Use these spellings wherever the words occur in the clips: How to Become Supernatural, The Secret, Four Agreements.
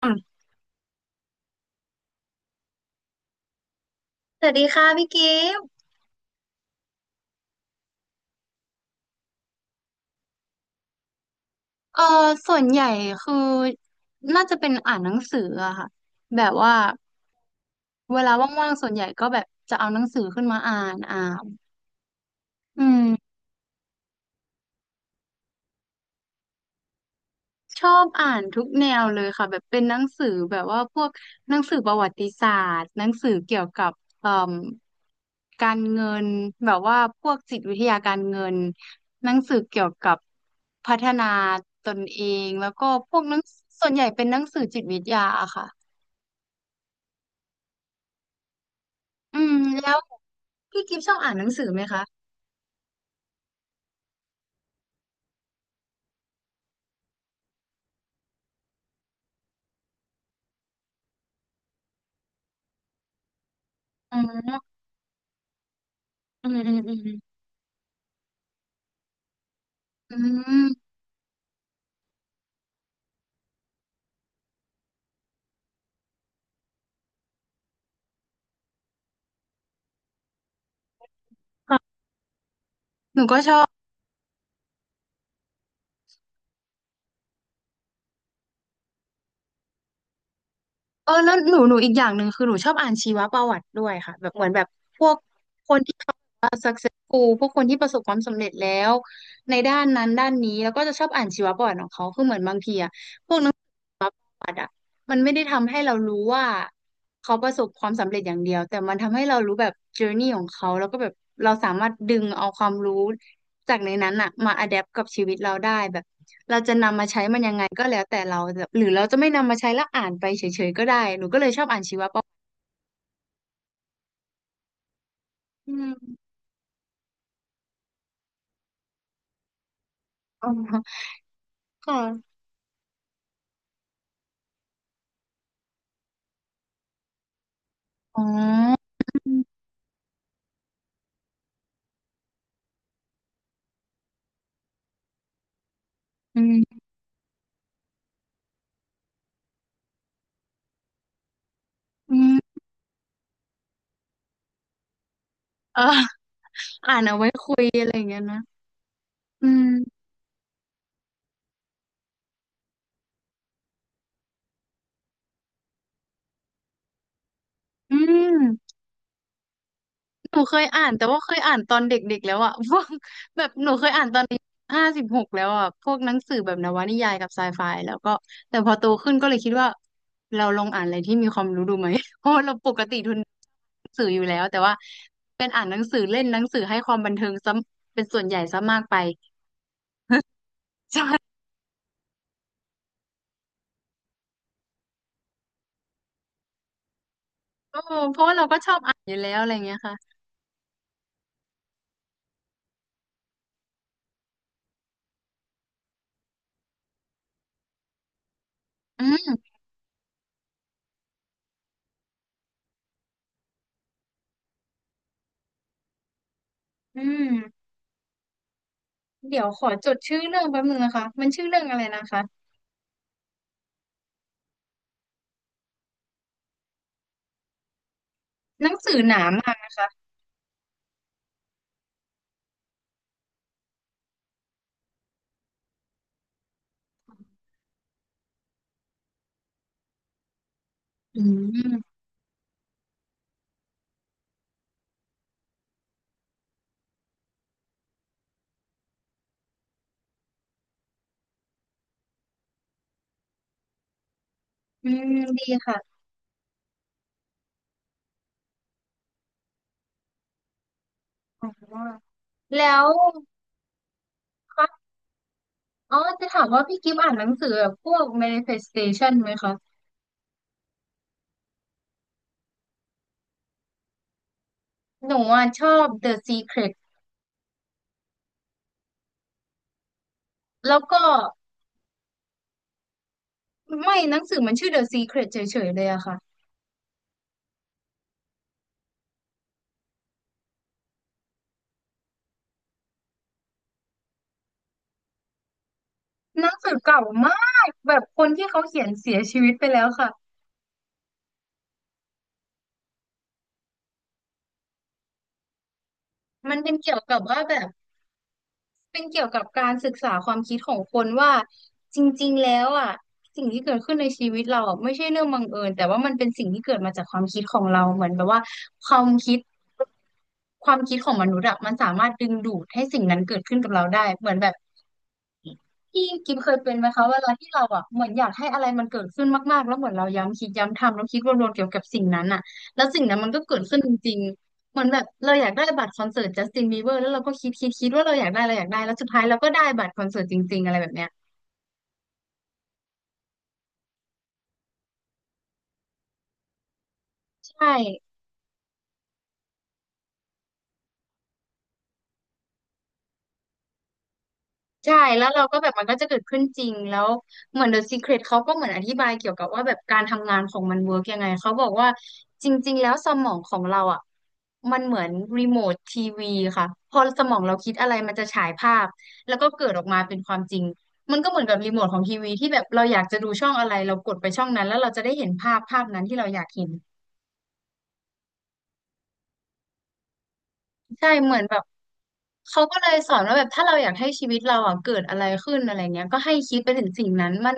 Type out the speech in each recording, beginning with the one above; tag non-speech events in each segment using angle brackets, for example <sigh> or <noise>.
สวัสดีค่ะพี่กิฟต์เออส่วนใหญ่คือน่าจะเป็นอ่านหนังสืออะค่ะแบบว่าเวลาว่างๆส่วนใหญ่ก็แบบจะเอาหนังสือขึ้นมาอ่านอืมชอบอ่านทุกแนวเลยค่ะแบบเป็นหนังสือแบบว่าพวกหนังสือประวัติศาสตร์หนังสือเกี่ยวกับเอ่อการเงินแบบว่าพวกจิตวิทยาการเงินหนังสือเกี่ยวกับพัฒนาตนเองแล้วก็พวกหนังส่วนใหญ่เป็นหนังสือจิตวิทยาอะค่ะ อืมแล้วพี่กิฟชอบอ่านหนังสือไหมคะอ๋ออืมอืมอืมอืมค่ะหนูก็ชอบเออแล้วหนูอีกอย่างหนึ่งคือหนูชอบอ่านชีวประวัติด้วยค่ะแบบเหมือนแบบพวกคนที่ท็อปกูพวกคนที่ประสบความสำเร็จแล้วในด้านนั้นด้านนี้แล้วก็จะชอบอ่านชีวประวัติของเขาคือเหมือนบางทีอะประวัติอะมันไม่ได้ทำให้เรารู้ว่าเขาประสบความสำเร็จอย่างเดียวแต่มันทำให้เรารู้แบบ journey ของเขาแล้วก็แบบเราสามารถดึงเอาความรู้จากในนั้นอะมา adapt กับชีวิตเราได้แบบ ไงก็แล้วแต่เราแบบหรือเราจะไม่นำมาใช้ละอ่ะอืมอ๋อค่ะอ๋ออืมอืมเอออ่านเอาไว้คุยอะไรอย่างเงี้ยนะอืมอืมหนูเคยอ่านแต่ว่าเคยอ่านตอนเด็กๆแล้วอ่ะ <laughs> พวกแบบหนูเคยอ่าน56แล้วอ่ะพวกหนังสือแบบนวนิยายกับไซไฟแล้วก็แต่พอโตขึ้นก็เลยคิดว่าเราลองอ่านอะไรที่มีความรู้ดูไหม <laughs> เพราะว่าเราปกติทุนหนังสืออยู่แล้วแต่ว่าเป็นอ่านหนังสือเล่นหนังสือให้ความบันเทิงซะเป็นส่วนใหญ่ซะมากไป <laughs> ใช่ เอ้เพราะว่าเราก็ชอบอ่านอยู่แล้วอะไรเงี้ยค่ะอืมอืมเดี๋ยวขอจดชื่อเรื่องแป๊บนึงนะคะมันชื่อเรื่องอะไรนะคะหนังสือหนามากนะคะอืมอืมดีค่ะอ๋อแล้วคะอ๋อจะถามว่าพี่กิฟต์อ่านหนังสือแบบพวก manifestation ไหมคะหนูอ่ะชอบ The Secret แล้วก็ไม่หนังสือมันชื่อ The Secret เฉยๆเลยอะค่ะหนังสือเก่ามากแบบคนที่เขาเขียนเสียชีวิตไปแล้วค่ะมันเป็นเกี่ยวกับว่าแบบ เป็นเกี่ยวกับการศึกษาความคิดของคนว่าจริงๆแล้วอ่ะสิ่งที่เกิดขึ้นในชีวิตเราอะไม่ใช่เรื่องบังเอิญแต่ว่ามันเป็นสิ่งที่เกิดมาจากความคิดของเราเหมือนแบบว่าความคิดความคิดของมนุษย์อะมันสามารถดึงดูดให้สิ่งนั้นเกิดขึ้นกับเราได้เหมือนแบบ พี่กิมเคยเป็นไหมคะเวลาที่เราอ่ะเหมือนอยากให้อะไรมันเกิดขึ้นมากๆแล้วเหมือนเราย้ำคิดย้ำทำแล้วคิดวนๆเกี่ยวกับสิ่งนั้นอ่ะแล้วสิ่งนั้นมันก็เกิดขึ้นจริงๆเหมือนแบบเราอยากได้บัตรคอนเสิร์ตจัสตินบีเบอร์แล้วเราก็คิดว่าเราอยากได้เราอยากได้แล้วสุดท้ายเราก็ได้บัตรคอนเสิร์ตจริงๆอะไรแบบเนี้ยใช่ ใช่แล้วเราก็แบบมันก็จะเกิดขึ้นจริงแล้วเหมือน The Secret เขาก็เหมือนอธิบายเกี่ยวกับว่าแบบการทำงานของมันเวิร์กยังไงเขาบอกว่าจริงๆแล้วสมองของเราอ่ะมันเหมือนรีโมททีวีค่ะพอสมองเราคิดอะไรมันจะฉายภาพแล้วก็เกิดออกมาเป็นความจริงมันก็เหมือนกับรีโมทของทีวีที่แบบเราอยากจะดูช่องอะไรเรากดไปช่องนั้นแล้วเราจะได้เห็นภาพนั้นที่เราอยากเห็น ใช่เหมือนแบบเขาก็เลยสอนว่าแบบถ้าเราอยากให้ชีวิตเราอ่ะเกิดอะไรขึ้นอะไรเงี้ยก็ให้คิดไปถึงสิ่งนั้นมัน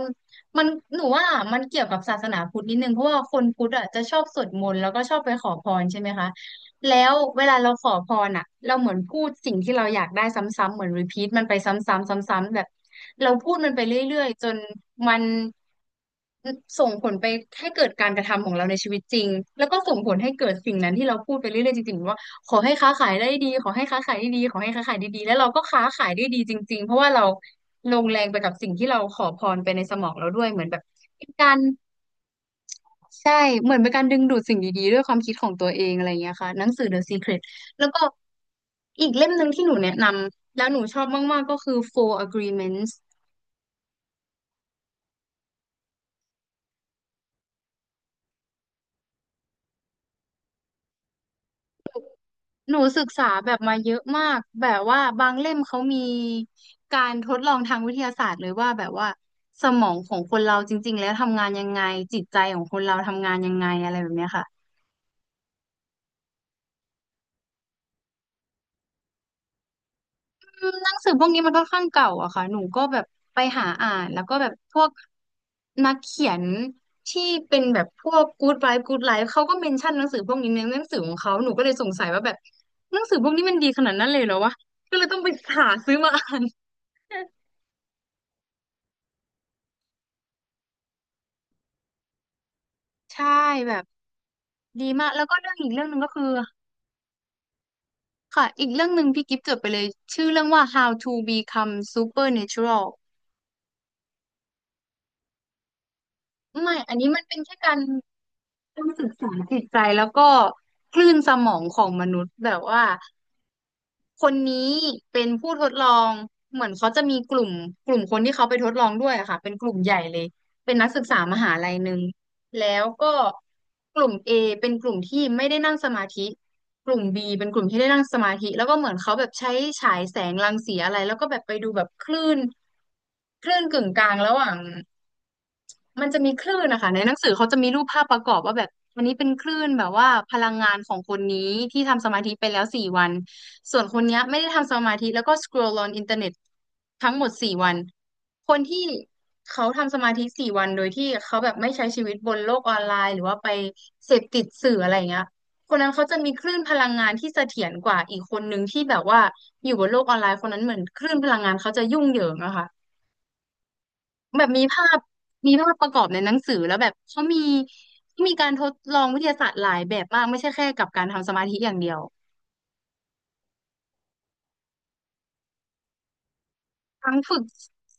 มันหนูว่ามันเกี่ยวกับศาสนาพุทธนิดนึงเพราะว่าคนพุทธอ่ะจะชอบสวดมนต์แล้วก็ชอบไปขอพรใช่ไหมคะแล้วเวลาเราขอพรอ่ะเราเหมือนพูดสิ่งที่เราอยากได้ซ้ำๆเหมือนรีพีทมันไปซ้ำๆซ้ำๆแบบเราพูดมันไปเรื่อยๆจนมันส่งผลไปให้เกิดการกระทำของเราในชีวิตจริงแล้วก็ส่งผลให้เกิดสิ่งนั้นที่เราพูดไปเรื่อยๆจริงๆว่า ขอให้ค้าขายได้ดีขอให้ค้าขายได้ดีขอให้ค้าขายได้ดีแล้วเราก็ค้าขายได้ดีจริงๆเพราะว่าเราลงแรงไปกับสิ่งที่เราขอพรไปในสมองเราด้วยเหมือนแบบเป็นการใช่เหมือนเป็นการดึงดูดสิ่งดีๆด้วยความคิดของตัวเองอะไรอย่างเงี้ยค่ะหนังสือ The Secret แล้วก็อีกเล่มหนึ่งที่หนูแนะนำแล้วหนูชอบมากๆก็คือ Four Agreements หนูศึกษาแบบมาเยอะมากแบบว่าบางเล่มเขามีการทดลองทางวิทยาศาสตร์เลยว่าแบบว่าสมองของคนเราจริงๆแล้วทำงานยังไงจิตใจของคนเราทำงานยังไงอะไรแบบเนี้ยค่ะอืมหนังสือพวกนี้มันค่อนข้างเก่าอะค่ะหนูก็แบบไปหาอ่านแล้วก็แบบพวกนักเขียนที่เป็นแบบพวก Good Life Good Life เขาก็เมนชั่นหนังสือพวกนี้ในหนังสือของเขาหนูก็เลยสงสัยว่าแบบหนังสือพวกนี้มันดีขนาดนั้นเลยเหรอวะก็เลยต้องไปหาซื้อมาอ่าน ใช่แบบดีมากแล้วก็เรื่องอีกเรื่องหนึ่งก็คือค่ะอีกเรื่องหนึ่งพี่กิฟต์จดไปเลยชื่อเรื่องว่า How to Become Supernatural ไม่อันนี้มันเป็นแค่การจิตใจแล้วก็คลื่นสมองของมนุษย์แบบว่า คนนี้เป็นผู้ทดลองเหมือนเขาจะมีกลุ่มคนที่เขาไปทดลองด้วยอะค่ะเป็นกลุ่มใหญ่เลยเป็นนักศึกษามหาลัยหนึ่งแล้วก็กลุ่ม A เป็นกลุ่มที่ไม่ได้นั่งสมาธิกลุ่ม B เป็นกลุ่มที่ได้นั่งสมาธิแล้วก็เหมือนเขาแบบใช้ฉายแสงรังสีอะไรแล้วก็แบบไปดูแบบคลื่นกึ่งกลางระหว่าง มันจะมีคลื่นนะคะในหนังสือเขาจะมีรูปภาพประกอบว่าแบบอันนี้เป็นคลื่นแบบว่าพลังงานของคนนี้ที่ทำสมาธิไปแล้วสี่วันส่วนคนเนี้ยไม่ได้ทำสมาธิแล้วก็สครอลอ n อินเทอร์เน็ตทั้งหมดสี่วันคนที่เขาทำสมาธิสี่วันโดยที่เขาแบบไม่ใช้ชีวิตบนโลกออนไลน์หรือว่าไปเสพติดสื่ออะไรอย่างเงี้ยคนนั้นเขาจะมีคลื่นพลังงานที่เสถียรกว่าอีกคนนึงที่แบบว่าอยู่บนโลกออนไลน์คนนั้นเหมือนคลื่นพลังงานเขาจะยุ่งเหยิงอะค่ะ แบบมีภาพมีภาพประกอบในหนังสือแล้วแบบเขามีเขามีการทดลองวิทยาศาสตร์หลายแบบมากไม่ใช่แค่กับการทำสมาธิอย่างเดียวทั้งฝึก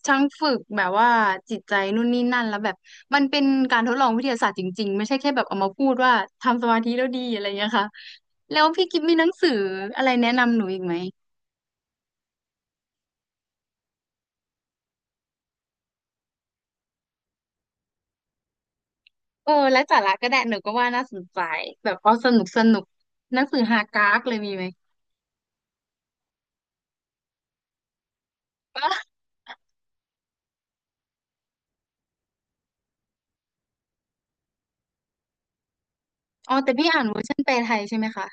ทั้งฝึกแบบว่าจิตใจนู่นนี่นั่นแล้วแบบมันเป็นการทดลองวิทยาศาสตร์จริงๆไม่ใช่แค่แบบเอามาพูดว่าทำสมาธิแล้วดีอะไรอย่างเงี้ยค่ะแล้วพี่กิฟมีหนังสืออะไรแนะนำหนูอีกไหมเออและสาระก็ได้หนูก็ว่าน่าสนใจแบบเอาสนุกสนุกหนังสือฮาการ์กเลยมีไหมอ๋อแต่พี่อ่านเวอร์ชันแปลไทยใช่ไหมคะ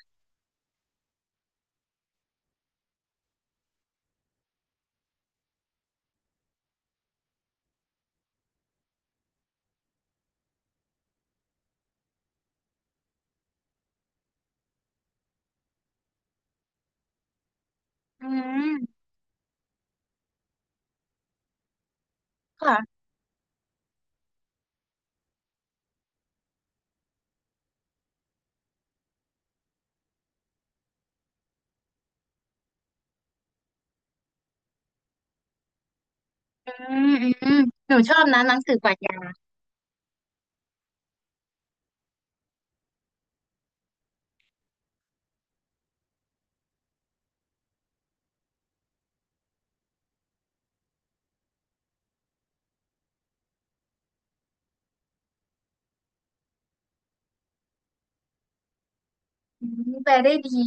อืมค่ะ อืมอืมหนูชอบนะหนังสือปรัชญาอืมแปลได้ดี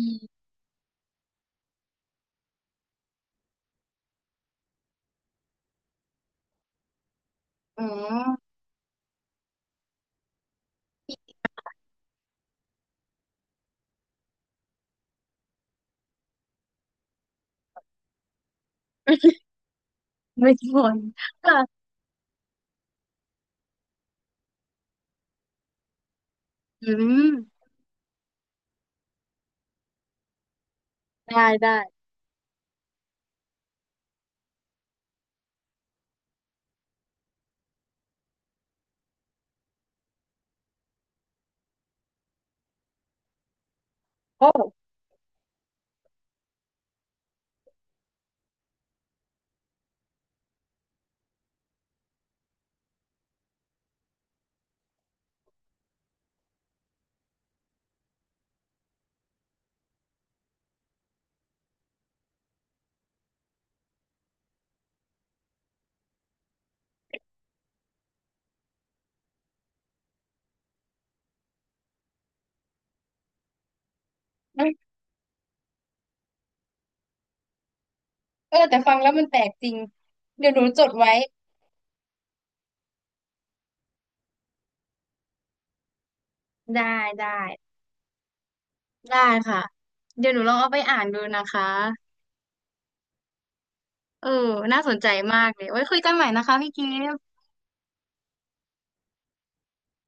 อืมไม่ทนค่ะอืมได้ได้โอ้เออแต่ฟังแล้วมันแปลกจริงเดี๋ยวหนูจดไว้ได้ได้ได้ค่ะเดี๋ยวหนูลองเอาไปอ่านดูนะคะเออน่าสนใจมากเลยไว้คุยกันใหม่นะคะพี่เ๊ม